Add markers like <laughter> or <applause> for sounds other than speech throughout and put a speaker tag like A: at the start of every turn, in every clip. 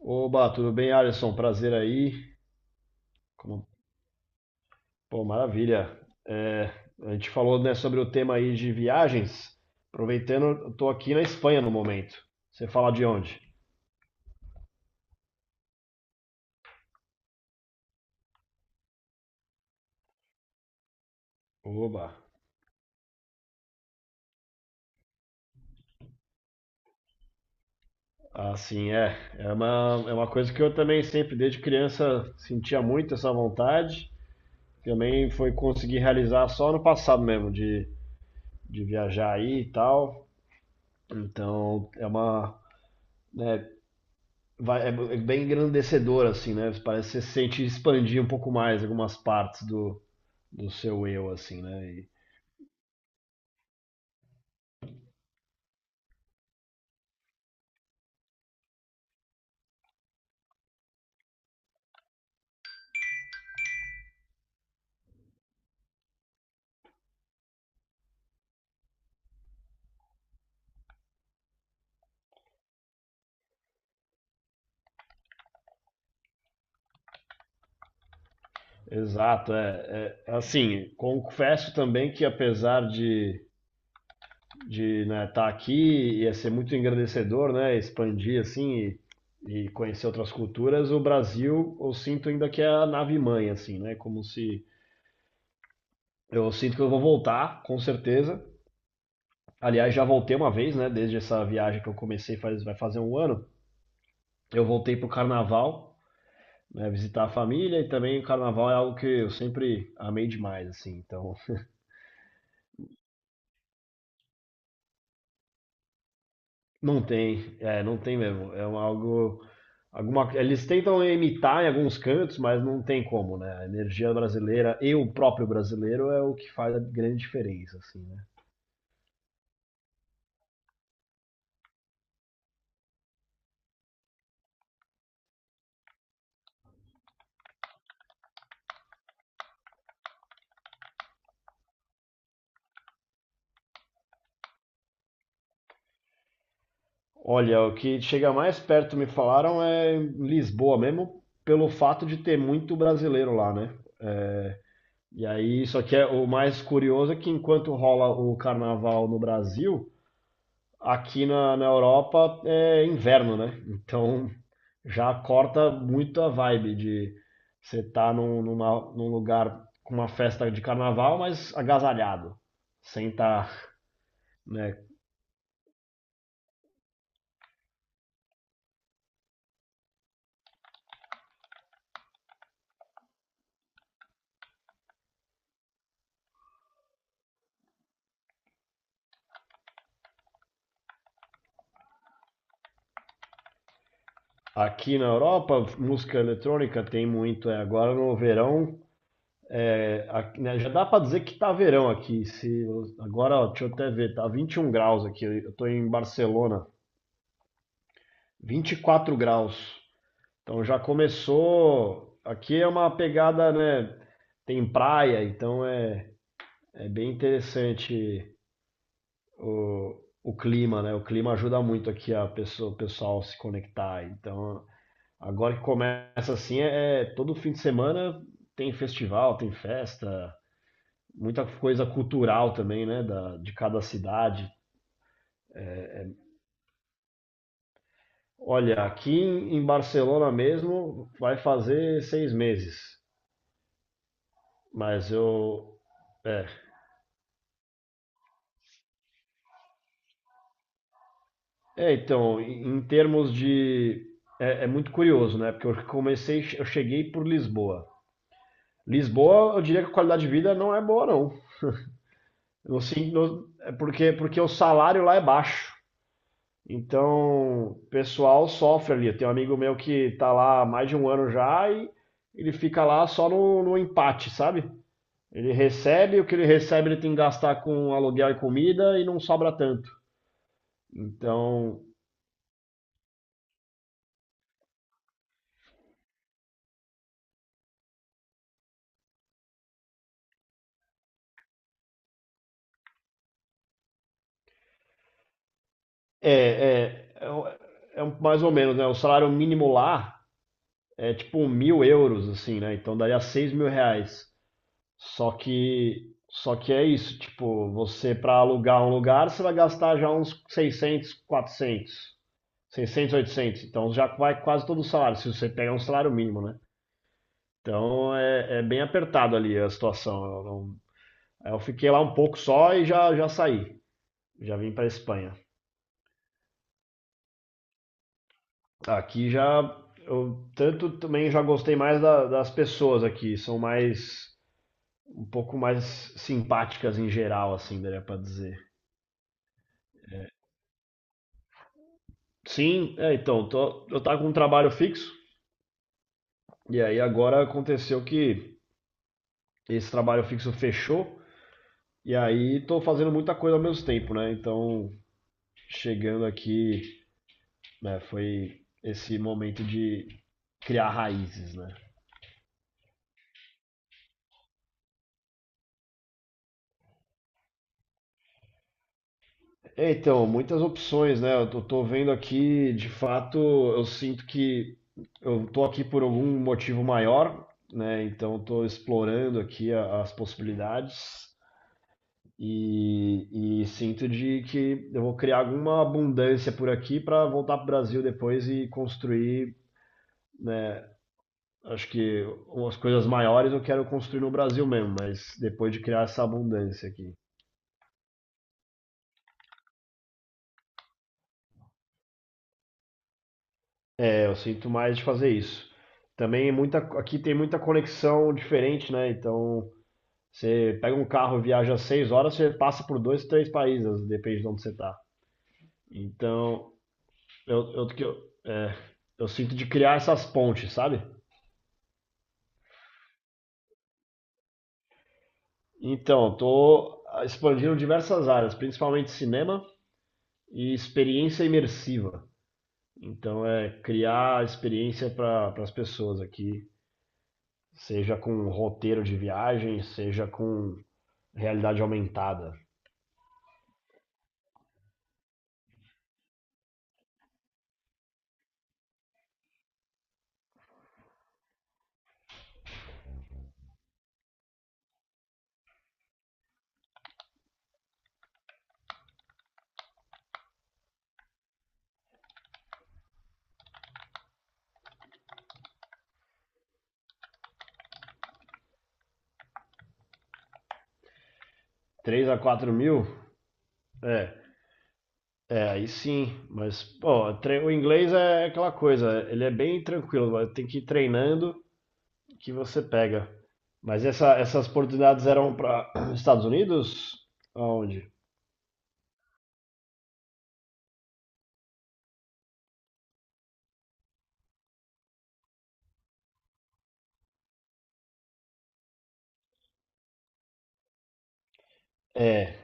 A: Oba, tudo bem, Alisson? Prazer aí. Como- Pô, maravilha. É, a gente falou, né, sobre o tema aí de viagens. Aproveitando, eu tô aqui na Espanha no momento. Você fala de onde? Oba. Assim, é. É uma coisa que eu também sempre, desde criança, sentia muito essa vontade. Também foi conseguir realizar só no passado mesmo, de viajar aí e tal. Então, é uma, né, vai- é é bem engrandecedor, assim, né? Parece que você sente expandir um pouco mais algumas partes do seu eu, assim, né? Exato, é. Assim, confesso também que apesar de né, estar aqui ia ser muito engrandecedor, né? Expandir, assim, e conhecer outras culturas, o Brasil eu sinto ainda que é a nave mãe, assim, né? Como se. Eu sinto que eu vou voltar, com certeza. Aliás, já voltei uma vez, né? Desde essa viagem que eu comecei faz, vai fazer um ano. Eu voltei pro carnaval, né, visitar a família e também o carnaval é algo que eu sempre amei demais, assim, então. <laughs> Não tem, é, não tem mesmo, é um algo, alguma, eles tentam imitar em alguns cantos, mas não tem como, né, a energia brasileira e o próprio brasileiro é o que faz a grande diferença, assim, né. Olha, o que chega mais perto, me falaram, é em Lisboa mesmo, pelo fato de ter muito brasileiro lá, né, e aí, só que é, o mais curioso é que enquanto rola o carnaval no Brasil, aqui na Europa é inverno, né? Então já corta muito a vibe de você estar tá num lugar com uma festa de carnaval, mas agasalhado, sem estar, né? Aqui na Europa, música eletrônica tem muito. É, agora no verão, é, aqui, né, já dá pra dizer que tá verão aqui. Se, Agora, ó, deixa eu até ver, tá 21 graus aqui. Eu tô em Barcelona, 24 graus. Então já começou. Aqui é uma pegada, né? Tem praia, então é bem interessante o, o clima, né? O clima ajuda muito aqui a pessoa, o pessoal se conectar. Então agora que começa assim, todo fim de semana tem festival, tem festa, muita coisa cultural também, né? Da, de cada cidade. Olha, aqui em Barcelona mesmo vai fazer 6 meses, mas eu. é, então, em termos de. É, é muito curioso, né? Porque eu comecei, eu cheguei por Lisboa. Lisboa, eu diria que a qualidade de vida não é boa, não. Assim, é porque o salário lá é baixo. Então, o pessoal sofre ali. Tem um amigo meu que tá lá há mais de um ano já e ele fica lá só no empate, sabe? Ele recebe, o que ele recebe ele tem que gastar com aluguel e comida e não sobra tanto. Então, É, é, é, o- mais ou menos, né? O salário mínimo lá é tipo 1.000 euros, assim, né? Então daria 6.000 reais. Só que é isso, tipo, você para alugar um lugar, você vai gastar já uns 600, 400, 600, 800. Então já vai quase todo o salário, se você pegar um salário mínimo, né? Então é bem apertado ali a situação. Eu, não- Eu fiquei lá um pouco só e já saí. Já vim para Espanha. Aqui já, eu tanto também já gostei mais das pessoas aqui, são mais, um pouco mais simpáticas em geral, assim, daria pra dizer. Sim, é, então, eu tava com um trabalho fixo, e aí agora aconteceu que esse trabalho fixo fechou, e aí tô fazendo muita coisa ao mesmo tempo, né? Então, chegando aqui, né, foi esse momento de criar raízes, né? É, então, muitas opções, né? Eu tô vendo aqui, de fato, eu sinto que eu tô aqui por algum motivo maior, né? Então, estou explorando aqui as possibilidades e sinto de que eu vou criar alguma abundância por aqui para voltar para o Brasil depois e construir, né? Acho que umas coisas maiores eu quero construir no Brasil mesmo, mas depois de criar essa abundância aqui. É, eu sinto mais de fazer isso. Também muita, aqui tem muita conexão diferente, né? Então, você pega um carro, viaja 6 horas, você passa por dois, três países, depende de onde você tá. Então, eu, que eu, é, eu sinto de criar essas pontes, sabe? Então, tô expandindo diversas áreas, principalmente cinema e experiência imersiva. Então, é criar experiência para as pessoas aqui, seja com roteiro de viagem, seja com realidade aumentada. Três a 4 mil? É, é, aí sim. Mas, pô, o inglês é aquela coisa, ele é bem tranquilo, mas tem que ir treinando que você pega. Mas essas oportunidades eram para <clears throat> Estados Unidos? Aonde? É,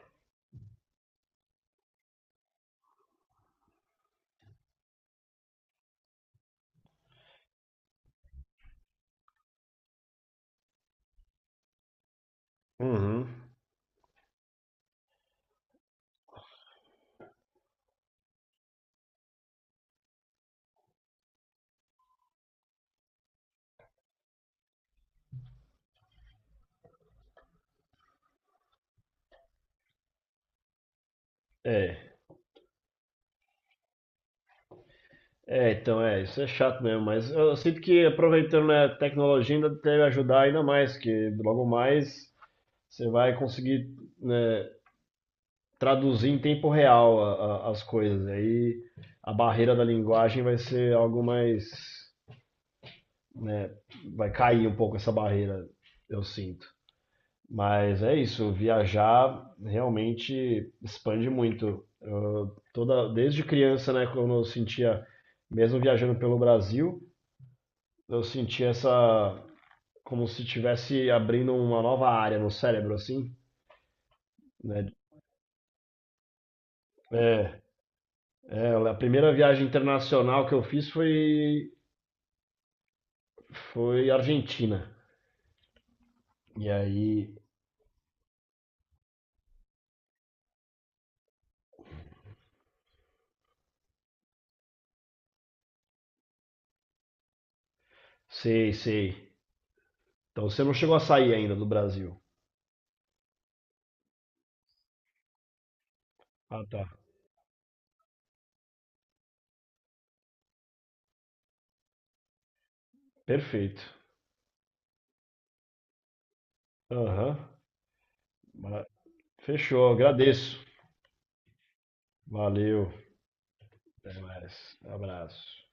A: uhum, é. É, então é, isso é chato mesmo, mas eu sinto que aproveitando né, a tecnologia ainda deve ajudar ainda mais, que logo mais você vai conseguir, né, traduzir em tempo real as coisas. Aí a barreira da linguagem vai ser algo mais, né, vai cair um pouco essa barreira, eu sinto. Mas é isso, viajar realmente expande muito. Eu, toda, desde criança, né, quando eu sentia, mesmo viajando pelo Brasil, eu sentia essa, como se estivesse abrindo uma nova área no cérebro, assim, né? É, é, a primeira viagem internacional que eu fiz foi Argentina. E aí, sei, sei. Então você não chegou a sair ainda do Brasil. Ah, tá. Perfeito. Aham. Ma- Fechou, agradeço. Valeu. Até mais. Abraço.